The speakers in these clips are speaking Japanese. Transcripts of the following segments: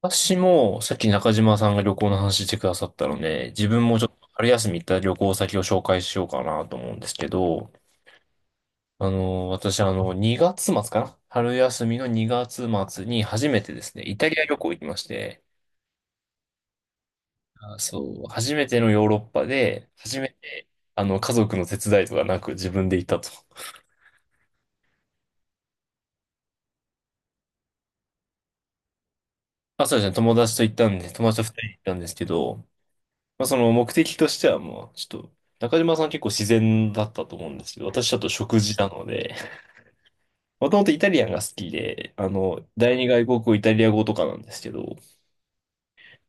私も、さっき中島さんが旅行の話してくださったので、自分もちょっと春休み行った旅行先を紹介しようかなと思うんですけど、私、2月末かな、春休みの2月末に初めてですね、イタリア旅行行きまして、あ、そう、初めてのヨーロッパで、初めて、家族の手伝いとかなく自分で行ったと。あ、そうですね、友達と行ったんで、友達と人で行ったんですけど、まあ、その目的としてはもう、ちょっと、中島さん結構自然だったと思うんですけど、私ちょっと食事なので、もともとイタリアンが好きで、第二外国語イタリア語とかなんですけど、っ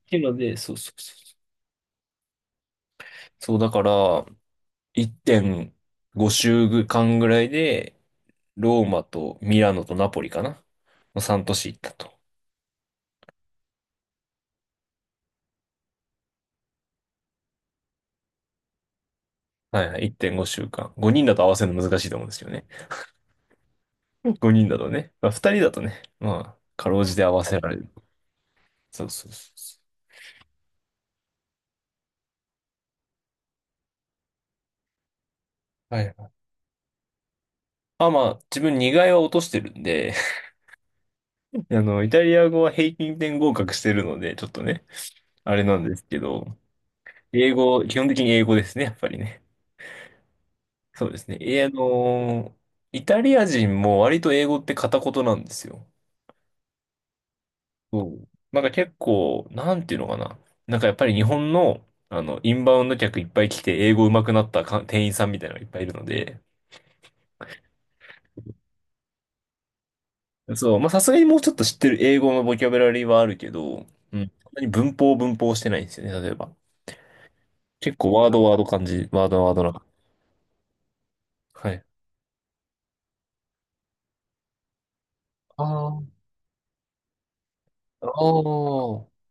ていうので、そうそうそうそう。そうだから、1.5週間ぐらいで、ローマとミラノとナポリかなの3都市行ったと。はいはい、1.5週間。5人だと合わせるの難しいと思うんですよね。5人だとね。まあ、2人だとね、まあ、かろうじて合わせられる。そうそうそうそう。はい。あ、まあ、自分2外は落としてるんで、イタリア語は平均点合格してるので、ちょっとね、あれなんですけど、英語、基本的に英語ですね、やっぱりね。そうですね。え、イタリア人も割と英語って片言なんですよ。そう、なんか結構、なんていうのかな。なんかやっぱり日本の、インバウンド客いっぱい来て、英語上手くなったか店員さんみたいなのがいっぱいいるので、そう、まあさすがにもうちょっと知ってる英語のボキャブラリーはあるけど、うん、そんなに文法文法してないんですよね、例えば。結構ワードワード感じ、ワードワードな。はい。ああああ、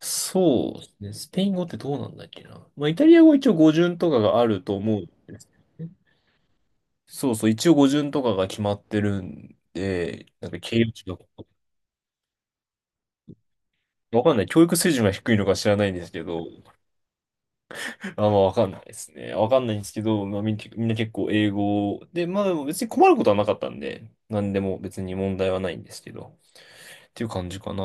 そうですね。スペイン語ってどうなんだっけな。まあ、イタリア語は一応語順とかがあると思うんですけどね。そうそう、一応語順とかが決まってるんで、なんか形容詞が、わかんない。教育水準が低いのか知らないんですけど、あんまわかんないですね。わかんないんですけど、まあ、みんな結構英語で、まあでも別に困ることはなかったんで、なんでも別に問題はないんですけど、っていう感じかな。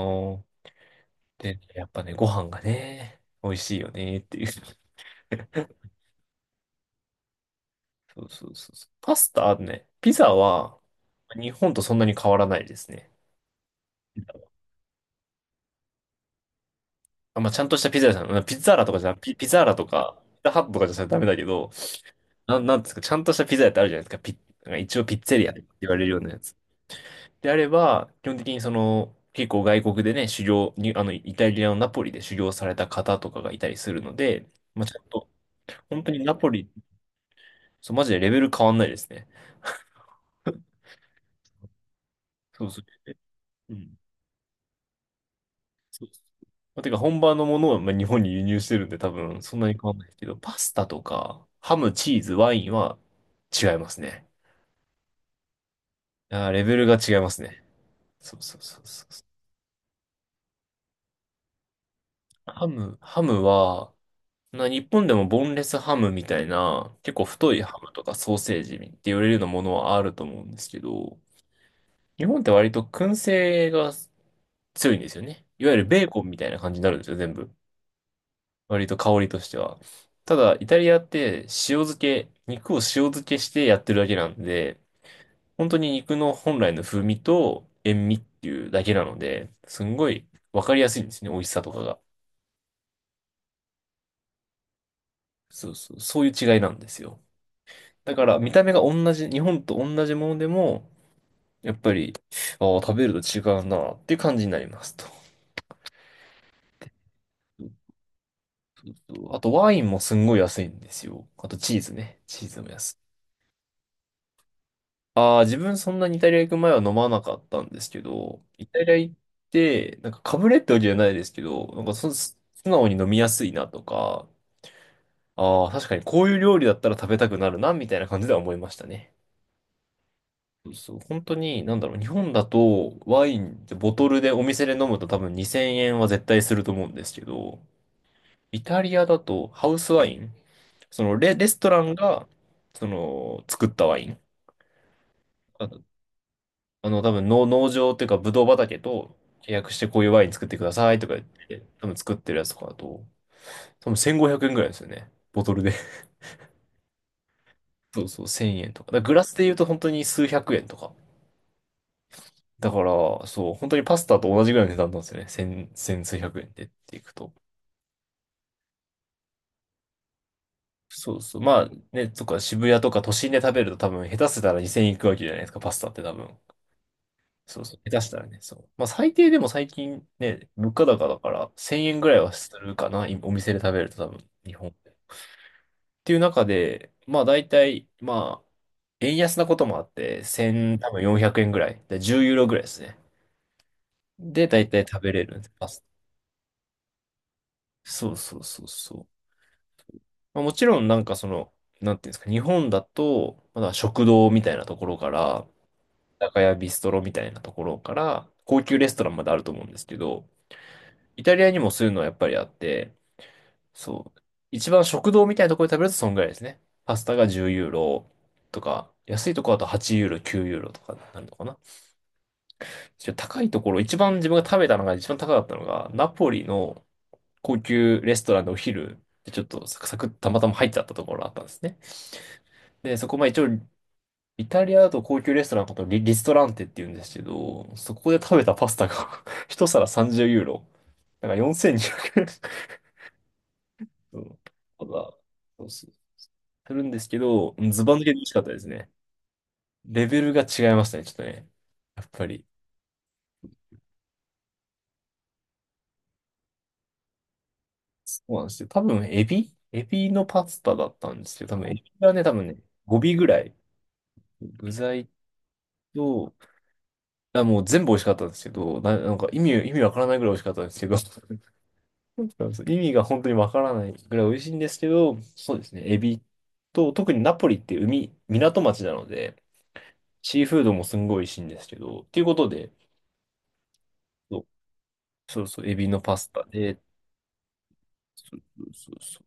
で、やっぱね、ご飯がね、美味しいよねっていう。そうそうそうそう。パスタあるね。ピザは、日本とそんなに変わらないですね。あ、まあ、ちゃんとしたピザ屋さん、うんピザーラとかじゃな、ピザーラとか、ピザハットとかじゃダメだけど、なんですか、ちゃんとしたピザ屋ってあるじゃないですか。なんか一応ピッツェリアって言われるようなやつ。であれば、基本的にその、結構外国でね、修行に、イタリアのナポリで修行された方とかがいたりするので、まあ、ちゃんと、本当にナポリ、そう、マジでレベル変わんないですね。そうそう。うん、まあ、てか本場のものをまあ日本に輸入してるんで多分そんなに変わんないですけど、パスタとかハム、チーズ、ワインは違いますね。あー、レベルが違いますね。そうそうそうそうそう。ハムは、日本でもボンレスハムみたいな、結構太いハムとかソーセージって言われるようなものはあると思うんですけど、日本って割と燻製が強いんですよね。いわゆるベーコンみたいな感じになるんですよ、全部。割と香りとしては。ただ、イタリアって塩漬け、肉を塩漬けしてやってるだけなんで、本当に肉の本来の風味と塩味っていうだけなので、すんごいわかりやすいんですね、美味しさとかが。そうそう、そういう違いなんですよ。だから見た目が同じ、日本と同じものでも、やっぱり、ああ、食べると違うなっていう感じになりますと。そうそうそう、あとワインもすんごい安いんですよ。あとチーズね。チーズも安い。ああ、自分そんなにイタリア行く前は飲まなかったんですけど、イタリア行って、なんかかぶれってわけじゃないですけど、なんか素直に飲みやすいなとか、ああ、確かにこういう料理だったら食べたくなるな、みたいな感じでは思いましたね。そうそう、本当に、なんだろう、日本だとワインってボトルでお店で飲むと多分2000円は絶対すると思うんですけど、イタリアだとハウスワイン、その、レストランが、その、作ったワイン。多分農場っていうか、ブドウ畑と契約してこういうワイン作ってくださいとか言って、多分作ってるやつとかだと、多分1500円ぐらいですよね。ボトルで。そうそう、1000円とか。だからグラスで言うと本当に数百円とか。だから、そう、本当にパスタと同じぐらいの値段なんですよね。千数百円でっていくと。そうそう。まあね、とか渋谷とか都心で食べると多分下手せたら2000円いくわけじゃないですか、パスタって多分。そうそう、下手したらね、そう。まあ最低でも最近ね、物価高だから1000円ぐらいはするかな、今お店で食べると多分、日本で。っていう中で、まあ大体、まあ、円安なこともあって、1多分400円ぐらい、で10ユーロぐらいですね。で、大体食べれるんです。パスタ。そうそうそうそう。まあ、もちろんなんかその、なんていうんですか、日本だと、まだ食堂みたいなところから、居酒屋ビストロみたいなところから、高級レストランまであると思うんですけど、イタリアにもそういうのはやっぱりあって、そう。一番食堂みたいなところで食べるとそんぐらいですね。パスタが10ユーロとか、安いところだと8ユーロ、9ユーロとかになるのかな。ちょっと高いところ、一番自分が食べたのが一番高かったのが、ナポリの高級レストランのお昼でちょっとサクサクたまたま入っちゃったところあったんですね。で、そこまあ一応、イタリアだと高級レストランのことをリストランテって言うんですけど、そこで食べたパスタが 一皿30ユーロ。だから4020そう。ただ、そうそう。するんですけど、ズバ抜けて美味しかったですね。レベルが違いましたね、ちょっとね。やっぱり。そうなんですよ。多分、エビのパスタだったんですけど、多分、エビがね、多分ね、5尾ぐらい。具材と、あ、もう全部美味しかったんですけど、なんか意味わからないぐらい美味しかったんですけど、そうそう意味が本当にわからないぐらい美味しいんですけど、そうですね、エビと、特にナポリって海、港町なので、シーフードもすんごい美味しいんですけど、っていうことで、そうそう、エビのパスタで、そうそうそう。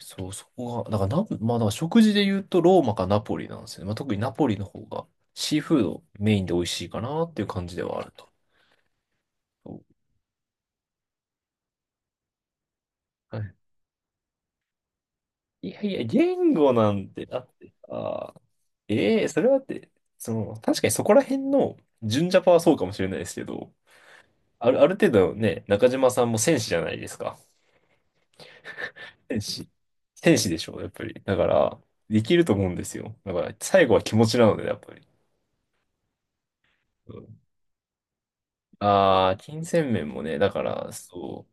そう、そこが、だからナポ、まあ、だから食事で言うとローマかナポリなんですよね。まあ、特にナポリの方がシーフードメインで美味しいかなっていう感じではあると。そうはい、いやいや、言語なんて、だってさ、ええそれはだって、その、確かにそこら辺の純ジャパはそうかもしれないですけど、ある程度ね、中島さんも戦士じゃないですか。天使。天使でしょ、やっぱり。だから、できると思うんですよ。だから、最後は気持ちなので、やっぱり。ああー、金銭面もね、だから、そ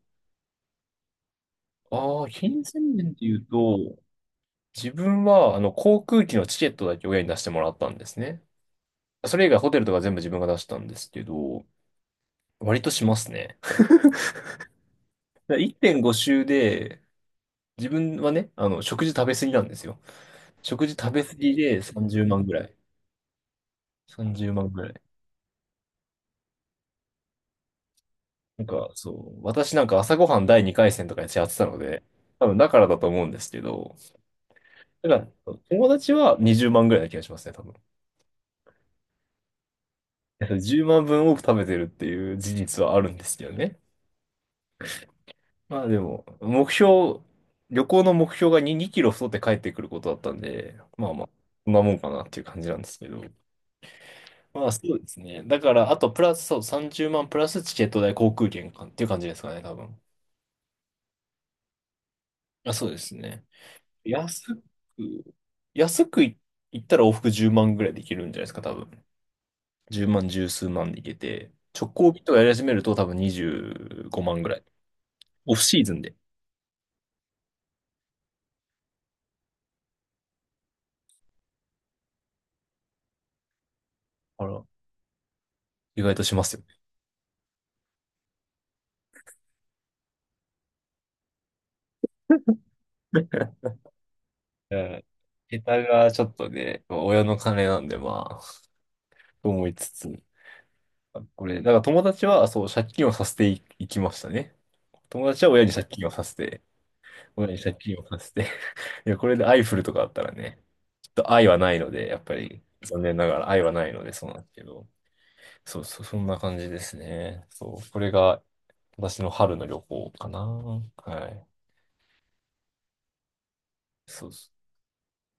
う。ああ、金銭面っていうと、自分は、あの、航空機のチケットだけ親に出してもらったんですね。それ以外ホテルとか全部自分が出したんですけど、割としますね。だから1.5周で、自分はね、あの、食事食べ過ぎなんですよ。食事食べ過ぎで30万ぐらい。30万ぐらい。なんか、そう、私なんか朝ごはん第2回戦とかやってたので、多分だからだと思うんですけど、だから、友達は20万ぐらいな気がしますね、多分。えっと10万分多く食べてるっていう事実はあるんですけどね。まあでも、目標、旅行の目標が2キロ太って帰ってくることだったんで、まあまあ、そんなもんかなっていう感じなんですけど。まあそうですね。だから、あとプラス、そう、30万プラスチケット代、航空券かっていう感じですかね、多分。まあ、そうですね。安く、安くい、行ったら往復10万ぐらいで行けるんじゃないですか、多分。10万、十数万で行けて、直行便とかやり始めると多分25万ぐらい。オフシーズンで。あら、意外としますよね。うん、桁がちょっとね、まあ親の金なんでまあ、と思いつつ。あこれ、だから友達はそう、借金をさせてい、いきましたね。友達は親に借金をさせて、親に借金をさせて。いや、これでアイフルとかあったらね、と愛はないので、やっぱり残念ながら愛はないのでそうなんですけど、そうそう、そんな感じですね。そう、これが私の春の旅行かな。はい。そうそう